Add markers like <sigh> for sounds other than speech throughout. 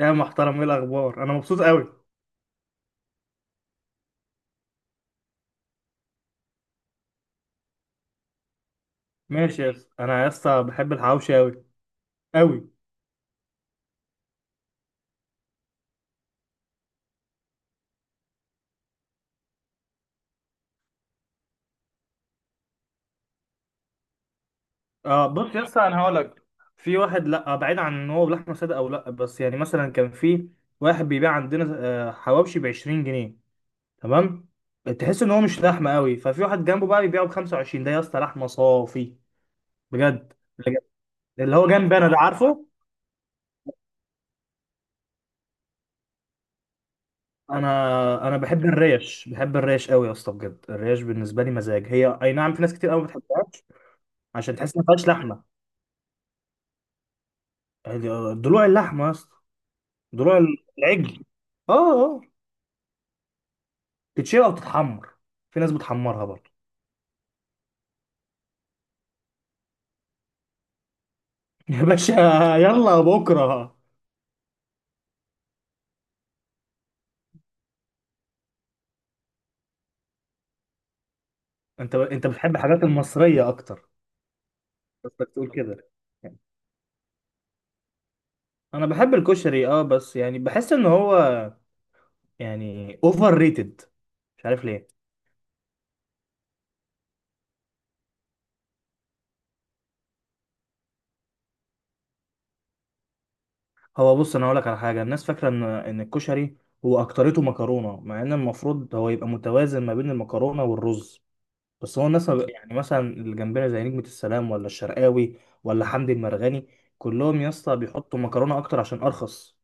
يا محترم، ايه الاخبار؟ انا مبسوط قوي. ماشي يا اسطى، انا يا اسطى بحب الحواوشي قوي قوي. اه بص يا اسطى، انا هقول لك. في واحد لا بعيد عن ان هو لحمه ساده او لا، بس يعني مثلا كان في واحد بيبيع عندنا حواوشي ب 20 جنيه. تمام. تحس ان هو مش لحمه قوي، ففي واحد جنبه بقى بيبيعه ب 25، ده يا اسطى لحمه صافي، بجد بجد. اللي هو جنبي انا ده عارفه. انا بحب الريش، بحب الريش قوي يا اسطى، بجد الريش بالنسبه لي مزاج، هي اي نعم، في ناس كتير قوي ما بتحبهاش عشان تحس ان ما فيهاش لحمه. ضلوع اللحمه يا اسطى، ضلوع العجل. اه. اه. تتشيل او تتحمر، في ناس بتحمرها برضه. <laughs> يا باشا، يلا بكره. انت بتحب الحاجات المصريه اكتر، قصدك تقول كده. انا بحب الكشري اه، بس يعني بحس ان هو يعني اوفر ريتد، مش عارف ليه. هو بص، انا هقول لك على حاجه. الناس فاكره ان الكشري هو اكترته مكرونه، مع ان المفروض هو يبقى متوازن ما بين المكرونه والرز، بس هو الناس ما بق- يعني مثلا اللي جنبنا زي نجمة السلام ولا الشرقاوي ولا حمدي المرغني، كلهم يا اسطى بيحطوا مكرونة أكتر عشان أرخص.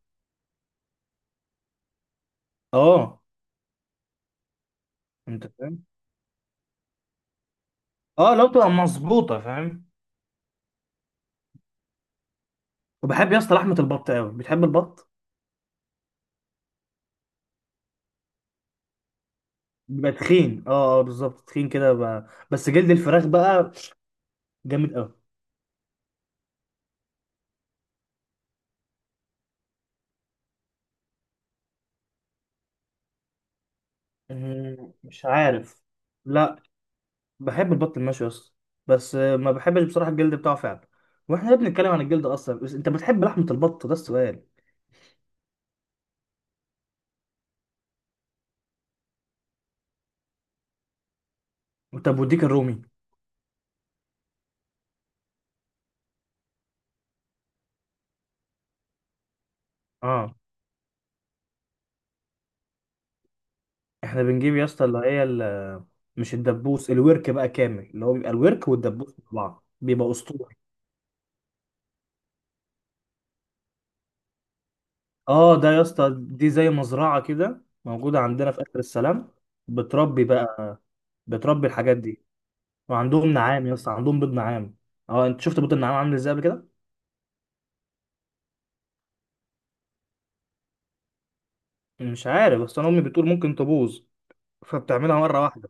اه. أنت فاهم؟ اه، لو تبقى مظبوطة فاهم. وبحب يا اسطى لحمة البط أوي، بتحب البط؟ بيبقى تخين، اه اه بالظبط، تخين كده بقى. بس جلد الفراخ بقى جامد أوي. مش عارف. لا، بحب البط المشوي يا اسطى، بس ما بحبش بصراحة الجلد بتاعه فعلا. واحنا ليه بنتكلم عن الجلد أصلا؟ بس أنت بتحب لحمة البط، ده السؤال. طب وديك الرومي؟ اه. احنا بنجيب يا اسطى اللي هي مش الدبوس، الورك بقى كامل، اللي هو بيبقى الورك والدبوس مع بعض بيبقى اسطوري. اه، ده يا اسطى دي زي مزرعه كده موجوده عندنا في اخر السلام، بتربي بقى، بتربي الحاجات دي. وعندهم نعام يا اسطى، عندهم بيض نعام. اه، انت شفت بيض النعام عامل ازاي قبل كده؟ مش عارف، بس انا امي بتقول ممكن تبوظ، فبتعملها مره واحده.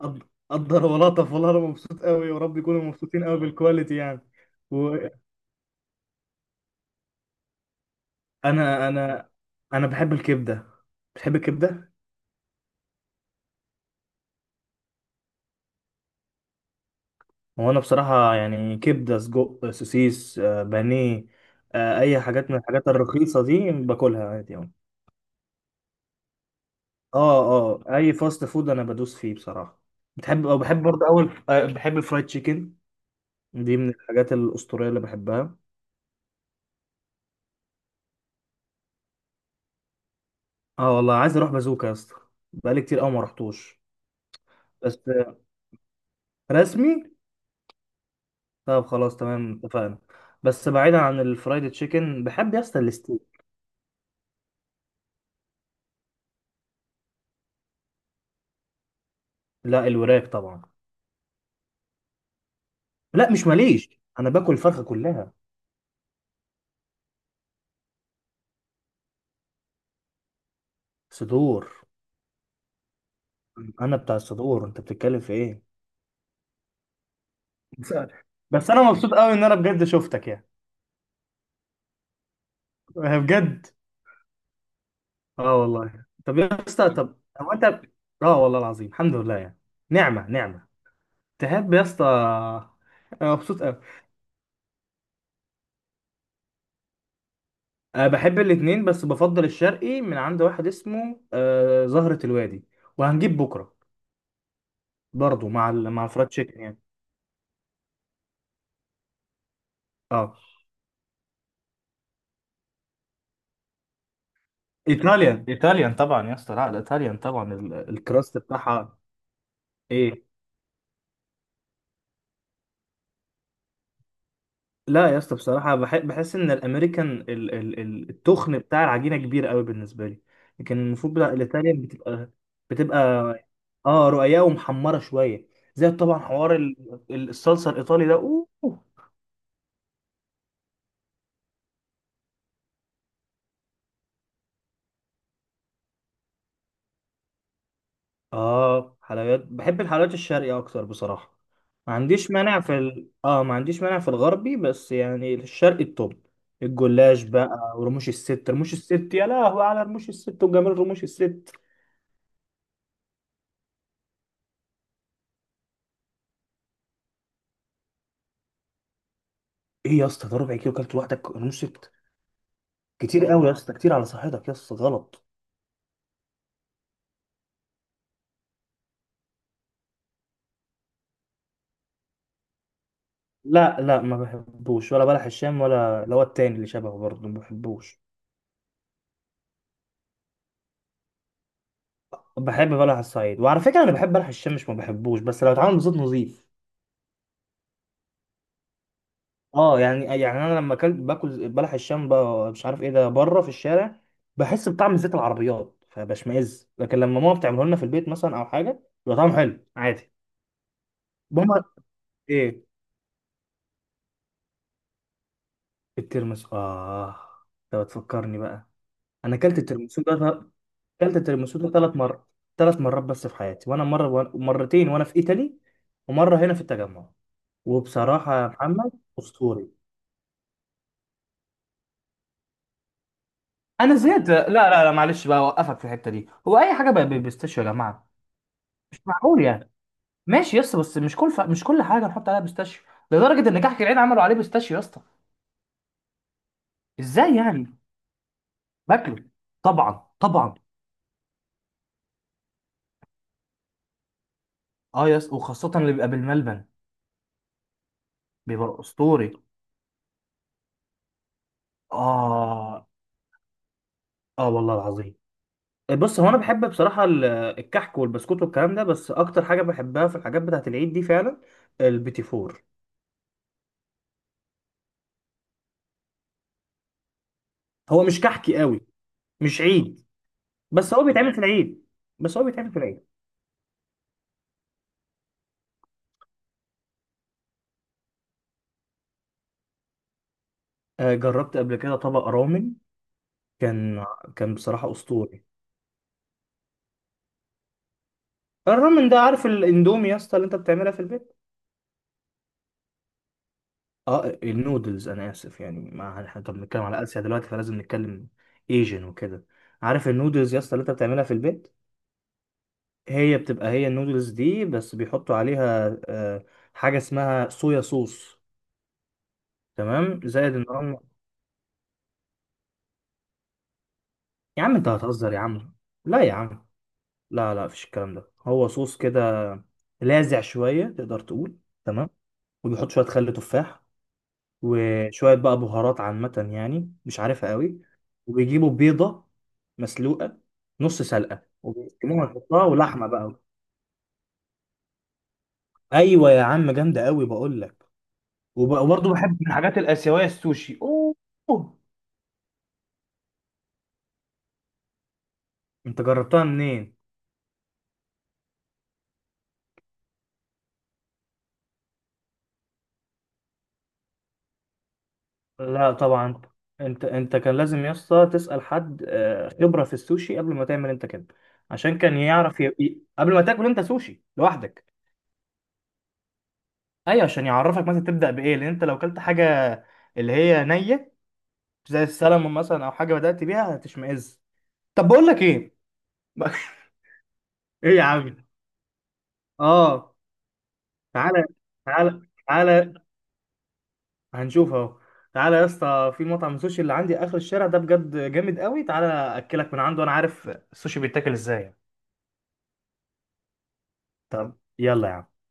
قد- قدر ولطف، والله انا مبسوط قوي، ورب يكونوا مبسوطين قوي بالكواليتي يعني. وانا، انا انا بحب الكبده. بتحب الكبده؟ هو انا بصراحه يعني كبده، سجق، سوسيس، بانيه، اي حاجات من الحاجات الرخيصه دي باكلها عادي يعني. اه. اه، اي فاست فود انا بدوس فيه بصراحه. بتحب او بحب برضه اول، بحب الفرايد تشيكن، دي من الحاجات الاسطوريه اللي بحبها. اه والله، عايز اروح بازوكا يا اسطى، بقالي كتير قوي ما رحتوش. بس رسمي. طب خلاص، تمام، اتفقنا. بس بعيدا عن الفرايد تشيكن، بحب يا اسطى الستيك. لا، الوراك طبعا. لا مش ماليش، انا باكل الفرخه كلها. صدور. انا بتاع الصدور، انت بتتكلم في ايه؟ مش عارف. بس انا مبسوط قوي ان انا بجد شفتك يعني، بجد. اه والله، طب يا اسطى طب هو انت، اه والله العظيم الحمد لله يعني، نعمه نعمه. تحب يا اسطى، انا مبسوط قوي. أه بحب الاتنين، بس بفضل الشرقي من عند واحد اسمه أه زهرة الوادي، وهنجيب بكره برضو مع مع الفرايد تشيكن يعني. اه. ايطاليان، ايطاليان طبعا يا اسطى، لا الايطاليان طبعا الكراست بتاعها ايه. لا يا اسطى بصراحة بحس إن الأمريكان التخن بتاع العجينة كبير قوي بالنسبة لي، لكن المفروض بتاع الإيطاليان بتبقى، بتبقى اه رقيقة ومحمرة شوية، زي طبعا حوار الصلصة الإيطالي ده أوه. اه، حلويات، بحب الحلويات الشرقية أكتر بصراحة. ما عنديش مانع في اه ما عنديش مانع في الغربي، بس يعني الشرقي التوب، الجلاش بقى ورموش الست، رموش الست، يا لهوي على رموش الست وجمال رموش الست. ايه يا اسطى، ده ربع كيلو كلت لوحدك رموش ست؟ كتير قوي يا اسطى، كتير على صحتك يا اسطى، غلط. لا لا، ما بحبوش ولا بلح الشام، ولا اللي هو التاني اللي شبهه برضه ما بحبوش. بحب بلح الصعيد، وعلى فكره انا بحب بلح الشام، مش ما بحبوش، بس لو اتعمل بزيت نظيف. اه يعني، يعني انا لما اكلت باكل بلح الشام بقى مش عارف ايه ده بره في الشارع، بحس بطعم زيت العربيات فبشمئز، لكن لما ماما بتعمله لنا في البيت مثلا او حاجه بيبقى طعمه حلو عادي. ماما. ايه؟ الترمس، اه. انت بتفكرني بقى، انا اكلت الترمس ده، اكلت التيراميسو 3 مرات، 3 مرات بس في حياتي، وانا مره، مرتين وانا في ايطالي، ومره هنا في التجمع. وبصراحه يا محمد، اسطوري. انا زهقت، لا لا لا معلش بقى، اوقفك في الحته دي. هو اي حاجه بقى بيستاشيو يا جماعه؟ مش معقول يعني. ماشي يا اسطى، بس مش كل مش كل حاجه نحط عليها بيستاشيو، لدرجه ان كحك العين عملوا عليه بيستاشيو يا اسطى. ازاي يعني؟ باكله، طبعا طبعا. اه يا اسطى وخاصه اللي بيبقى بالملبن، بيبقى اسطوري. اه. اه والله العظيم. بص، هو انا بحب بصراحه الكحك والبسكوت والكلام ده، بس اكتر حاجه بحبها في الحاجات بتاعه العيد دي فعلا، البيتي فور. هو مش كحكي قوي، مش عيد، بس هو بيتعمل في العيد بس هو بيتعمل في العيد. جربت قبل كده طبق رامن. كان، كان بصراحه اسطوري. الرامن ده، عارف الاندومي يا اسطى اللي انت بتعملها في البيت. اه النودلز، انا اسف يعني، ما احنا طب بنتكلم على اسيا دلوقتي فلازم نتكلم ايجن وكده. عارف النودلز يا اسطى اللي انت بتعملها في البيت، هي بتبقى هي النودلز دي، بس بيحطوا عليها حاجة اسمها صويا صوص، تمام، زائد ان هم. يا عم انت هتهزر يا عم، لا يا عم، لا لا مفيش الكلام ده، هو صوص كده لاذع شوية تقدر تقول، تمام. وبيحط شوية خل تفاح، وشوية بقى بهارات عامة يعني مش عارفها قوي. وبيجيبوا بيضة مسلوقة نص سلقة، وبيسلقوها، يحطها ولحمة بقى. ايوه يا عم، جامدة قوي بقول لك. وبرضه بحب من الحاجات الآسيوية السوشي، أوه. أوه. انت جربتها منين؟ لا طبعا. انت، انت كان لازم يا اسطى تسأل حد خبرة في السوشي قبل ما تعمل انت كده، عشان كان يعرف قبل ما تاكل انت سوشي لوحدك. ايوه، عشان يعرفك مثلا تبدأ بايه، لان انت لو كلت حاجة اللي هي نية زي السلمون مثلا او حاجة بدأت بيها هتشمئز. طب بقول لك ايه؟ <laughs> إيه يا عم؟ اه. تعالى تعالى تعالى، هنشوف اهو. تعالى يا اسطى، في مطعم سوشي اللي عندي اخر الشارع ده بجد جامد قوي، تعالى اكلك من عنده، انا عارف السوشي بيتاكل ازاي. طب يلا يا عم.